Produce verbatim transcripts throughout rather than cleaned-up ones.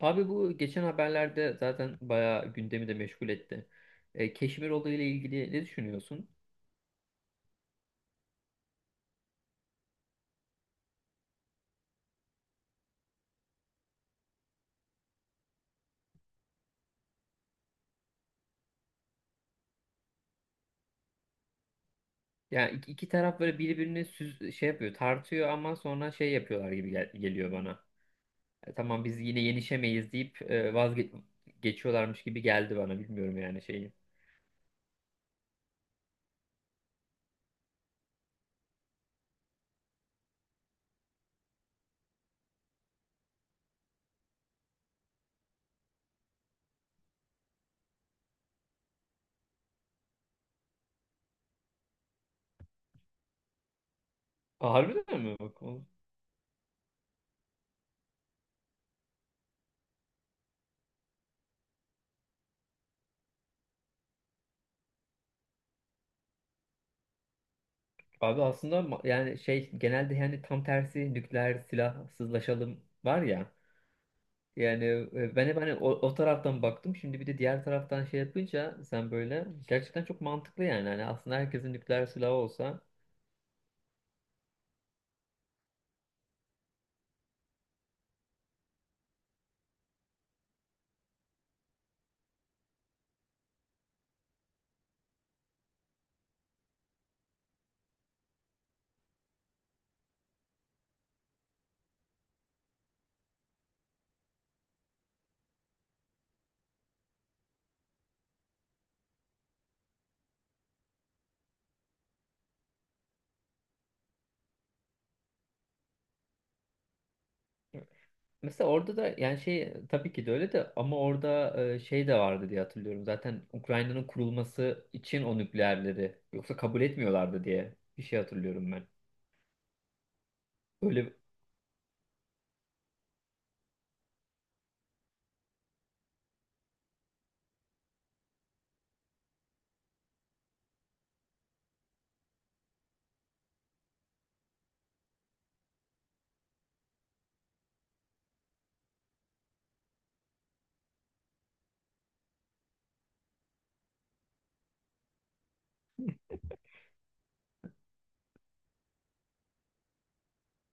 Abi bu geçen haberlerde zaten bayağı gündemi de meşgul etti. E, Keşmir olayıyla ilgili ne düşünüyorsun? Yani iki, iki taraf böyle birbirini süz, şey yapıyor, tartıyor ama sonra şey yapıyorlar gibi gel- geliyor bana. E, tamam biz yine yenişemeyiz deyip e, vazge gibi geldi bana, bilmiyorum yani şeyi. Aa, harbiden mi? Bak, o- abi aslında ma- yani şey genelde yani tam tersi nükleer silahsızlaşalım var ya. Yani e, ben hep hani o, o taraftan baktım. Şimdi bir de diğer taraftan şey yapınca sen böyle gerçekten çok mantıklı yani. Hani aslında herkesin nükleer silahı olsa. Mesela orada da yani şey tabii ki de öyle de, ama orada e, şey de vardı diye hatırlıyorum. Zaten Ukrayna'nın kurulması için o nükleerleri yoksa kabul etmiyorlardı diye bir şey hatırlıyorum ben. Öyle,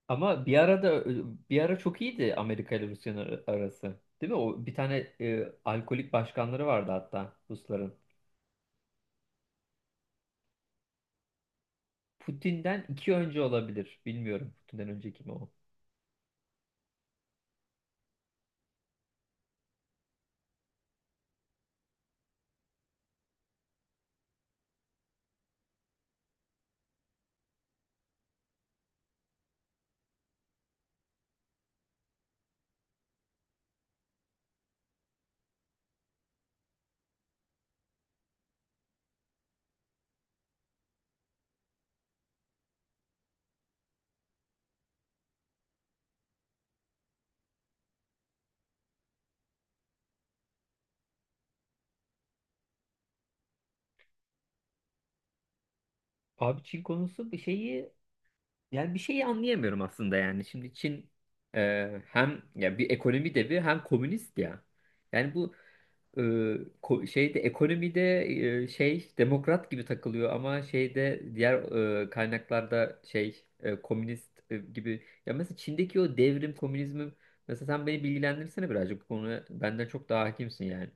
ama bir ara da bir ara çok iyiydi Amerika ile Rusya'nın ar- arası. Değil mi? O bir tane e, alkolik başkanları vardı hatta Rusların. Putin'den iki önce olabilir. Bilmiyorum Putin'den önce kim o. Abi Çin konusu bir şeyi, yani bir şeyi anlayamıyorum aslında yani. Şimdi Çin e, hem ya bir ekonomi devi hem komünist ya. Yani bu e, ko- şeyde ekonomide e, şey demokrat gibi takılıyor ama şeyde diğer e, kaynaklarda şey e, komünist e, gibi. Ya mesela Çin'deki o devrim komünizmi, mesela sen beni bilgilendirsene birazcık, bu konuya benden çok daha hakimsin yani.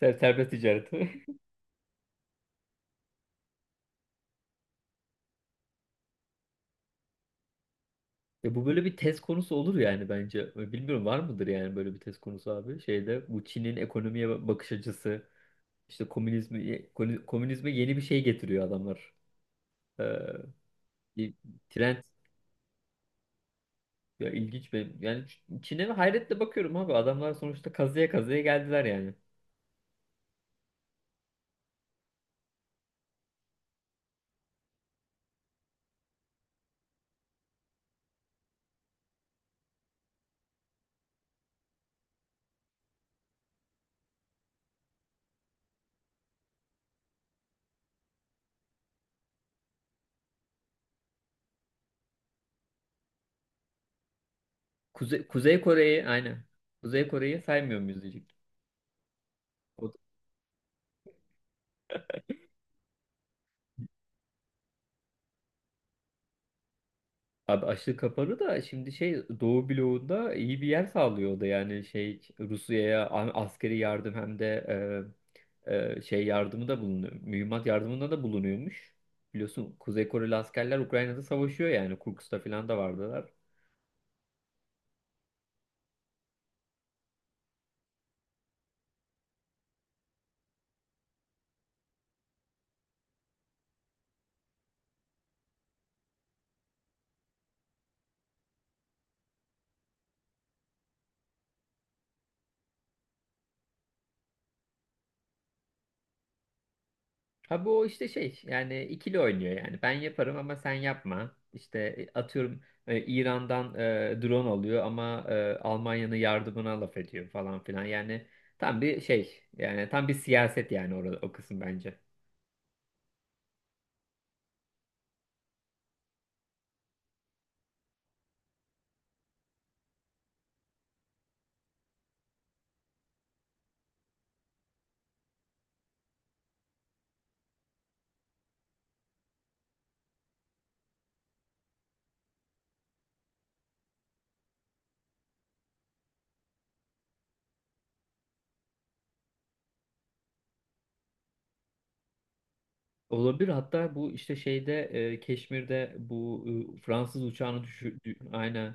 Ser serbest ticaret. Ya bu böyle bir tez konusu olur yani bence. Bilmiyorum, var mıdır yani böyle bir tez konusu abi? Şeyde bu Çin'in ekonomiye ba- bakış açısı, işte komünizmi ko- komünizme yeni bir şey getiriyor adamlar. Ee, Bir trend, ya ilginç ve yani Çin'e hayretle bakıyorum abi. Adamlar sonuçta kazıya kazıya geldiler yani. Kuzey, Kuzey Kore'yi aynen. Kuzey Kore'yi saymıyor muyuz diyecek. O, abi açlık kapalı da şimdi şey Doğu bloğunda iyi bir yer sağlıyor, o da yani şey Rusya'ya a- askeri yardım, hem de e, şey yardımı da bulunuyor. Mühimmat yardımında da bulunuyormuş. Biliyorsun Kuzey Koreli askerler Ukrayna'da savaşıyor yani. Kurkus'ta falan da vardılar. Ha bu işte şey yani ikili oynuyor yani. Ben yaparım ama sen yapma. İşte e, atıyorum e, İran'dan e, drone alıyor ama e, Almanya'nın yardımına laf ediyor falan filan. Yani tam bir şey yani tam bir siyaset yani orada, o kısım bence. Olabilir, hatta bu işte şeyde e, Keşmir'de bu e, Fransız uçağını düşürdü. Aynen.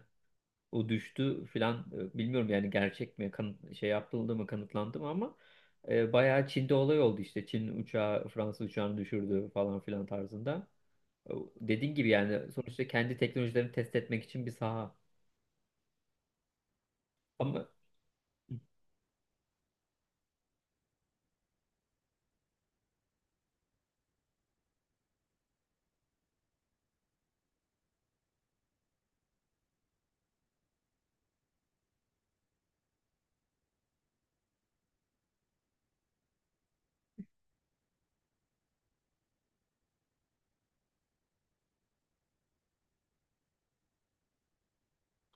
O düştü filan, e, bilmiyorum yani, gerçek mi kanıt, şey yapıldı mı, kanıtlandı mı ama e, bayağı Çin'de olay oldu, işte Çin uçağı Fransız uçağını düşürdü falan filan tarzında. E, Dediğin gibi yani, sonuçta kendi teknolojilerini test etmek için bir saha. Ama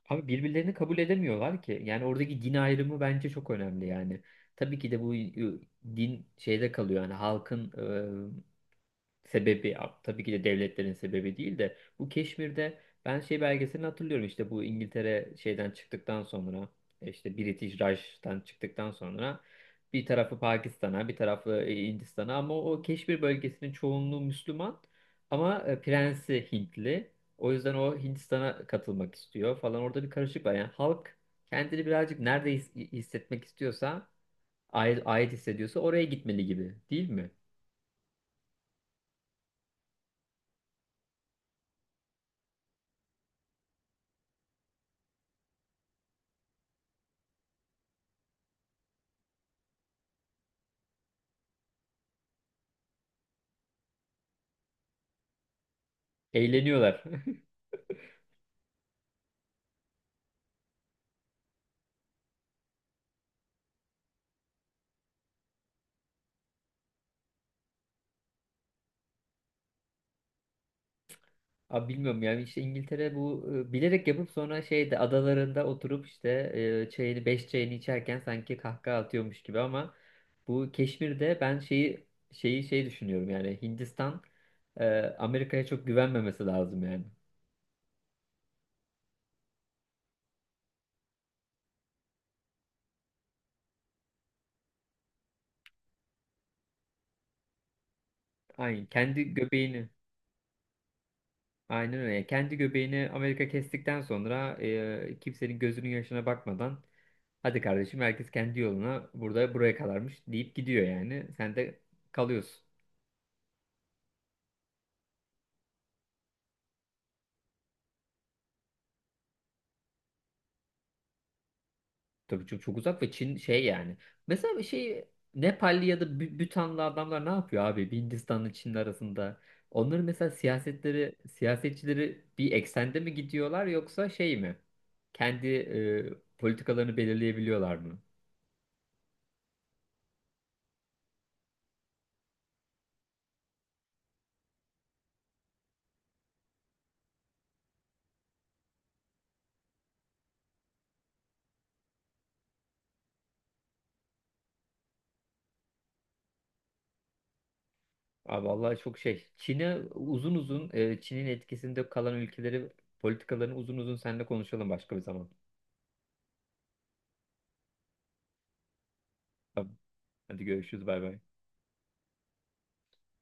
abi birbirlerini kabul edemiyorlar ki. Yani oradaki din ayrımı bence çok önemli yani. Tabii ki de bu e, din şeyde kalıyor yani, halkın sebebi, tabii ki de devletlerin sebebi değil de, bu Keşmir'de ben şey belgeselini hatırlıyorum, işte bu İngiltere şeyden çıktıktan sonra, işte British Raj'dan çıktıktan sonra bir tarafı Pakistan'a, bir tarafı e, Hindistan'a, ama o Keşmir bölgesinin çoğunluğu Müslüman ama e, prensi Hintli. O yüzden o Hindistan'a katılmak istiyor falan, orada bir karışık var. Yani halk kendini birazcık nerede his- hissetmek istiyorsa, ait, ait hissediyorsa oraya gitmeli gibi, değil mi? Eğleniyorlar. Abi bilmiyorum yani, işte İngiltere bu e, bilerek yapıp sonra şeyde adalarında oturup işte e, çayını beş çayını içerken sanki kahkaha atıyormuş gibi, ama bu Keşmir'de ben şeyi şeyi şey düşünüyorum yani, Hindistan e, Amerika'ya çok güvenmemesi lazım yani. Aynen kendi göbeğini, aynen öyle. Yani kendi göbeğini Amerika kestikten sonra e, kimsenin gözünün yaşına bakmadan, hadi kardeşim herkes kendi yoluna, burada buraya kalarmış deyip gidiyor yani, sen de kalıyorsun. Tabii çok, çok uzak ve Çin şey yani. Mesela şey Nepalli ya da Bü- Bütanlı adamlar ne yapıyor abi? Bir Hindistan'la Çin arasında. Onların mesela siyasetleri, siyasetçileri bir eksende mi gidiyorlar yoksa şey mi? Kendi e, politikalarını belirleyebiliyorlar mı? Abi vallahi çok şey. Çin'e uzun uzun, e, Çin'in etkisinde kalan ülkeleri, politikalarını uzun uzun seninle konuşalım başka bir zaman. Tamam. Hadi görüşürüz, bay bay.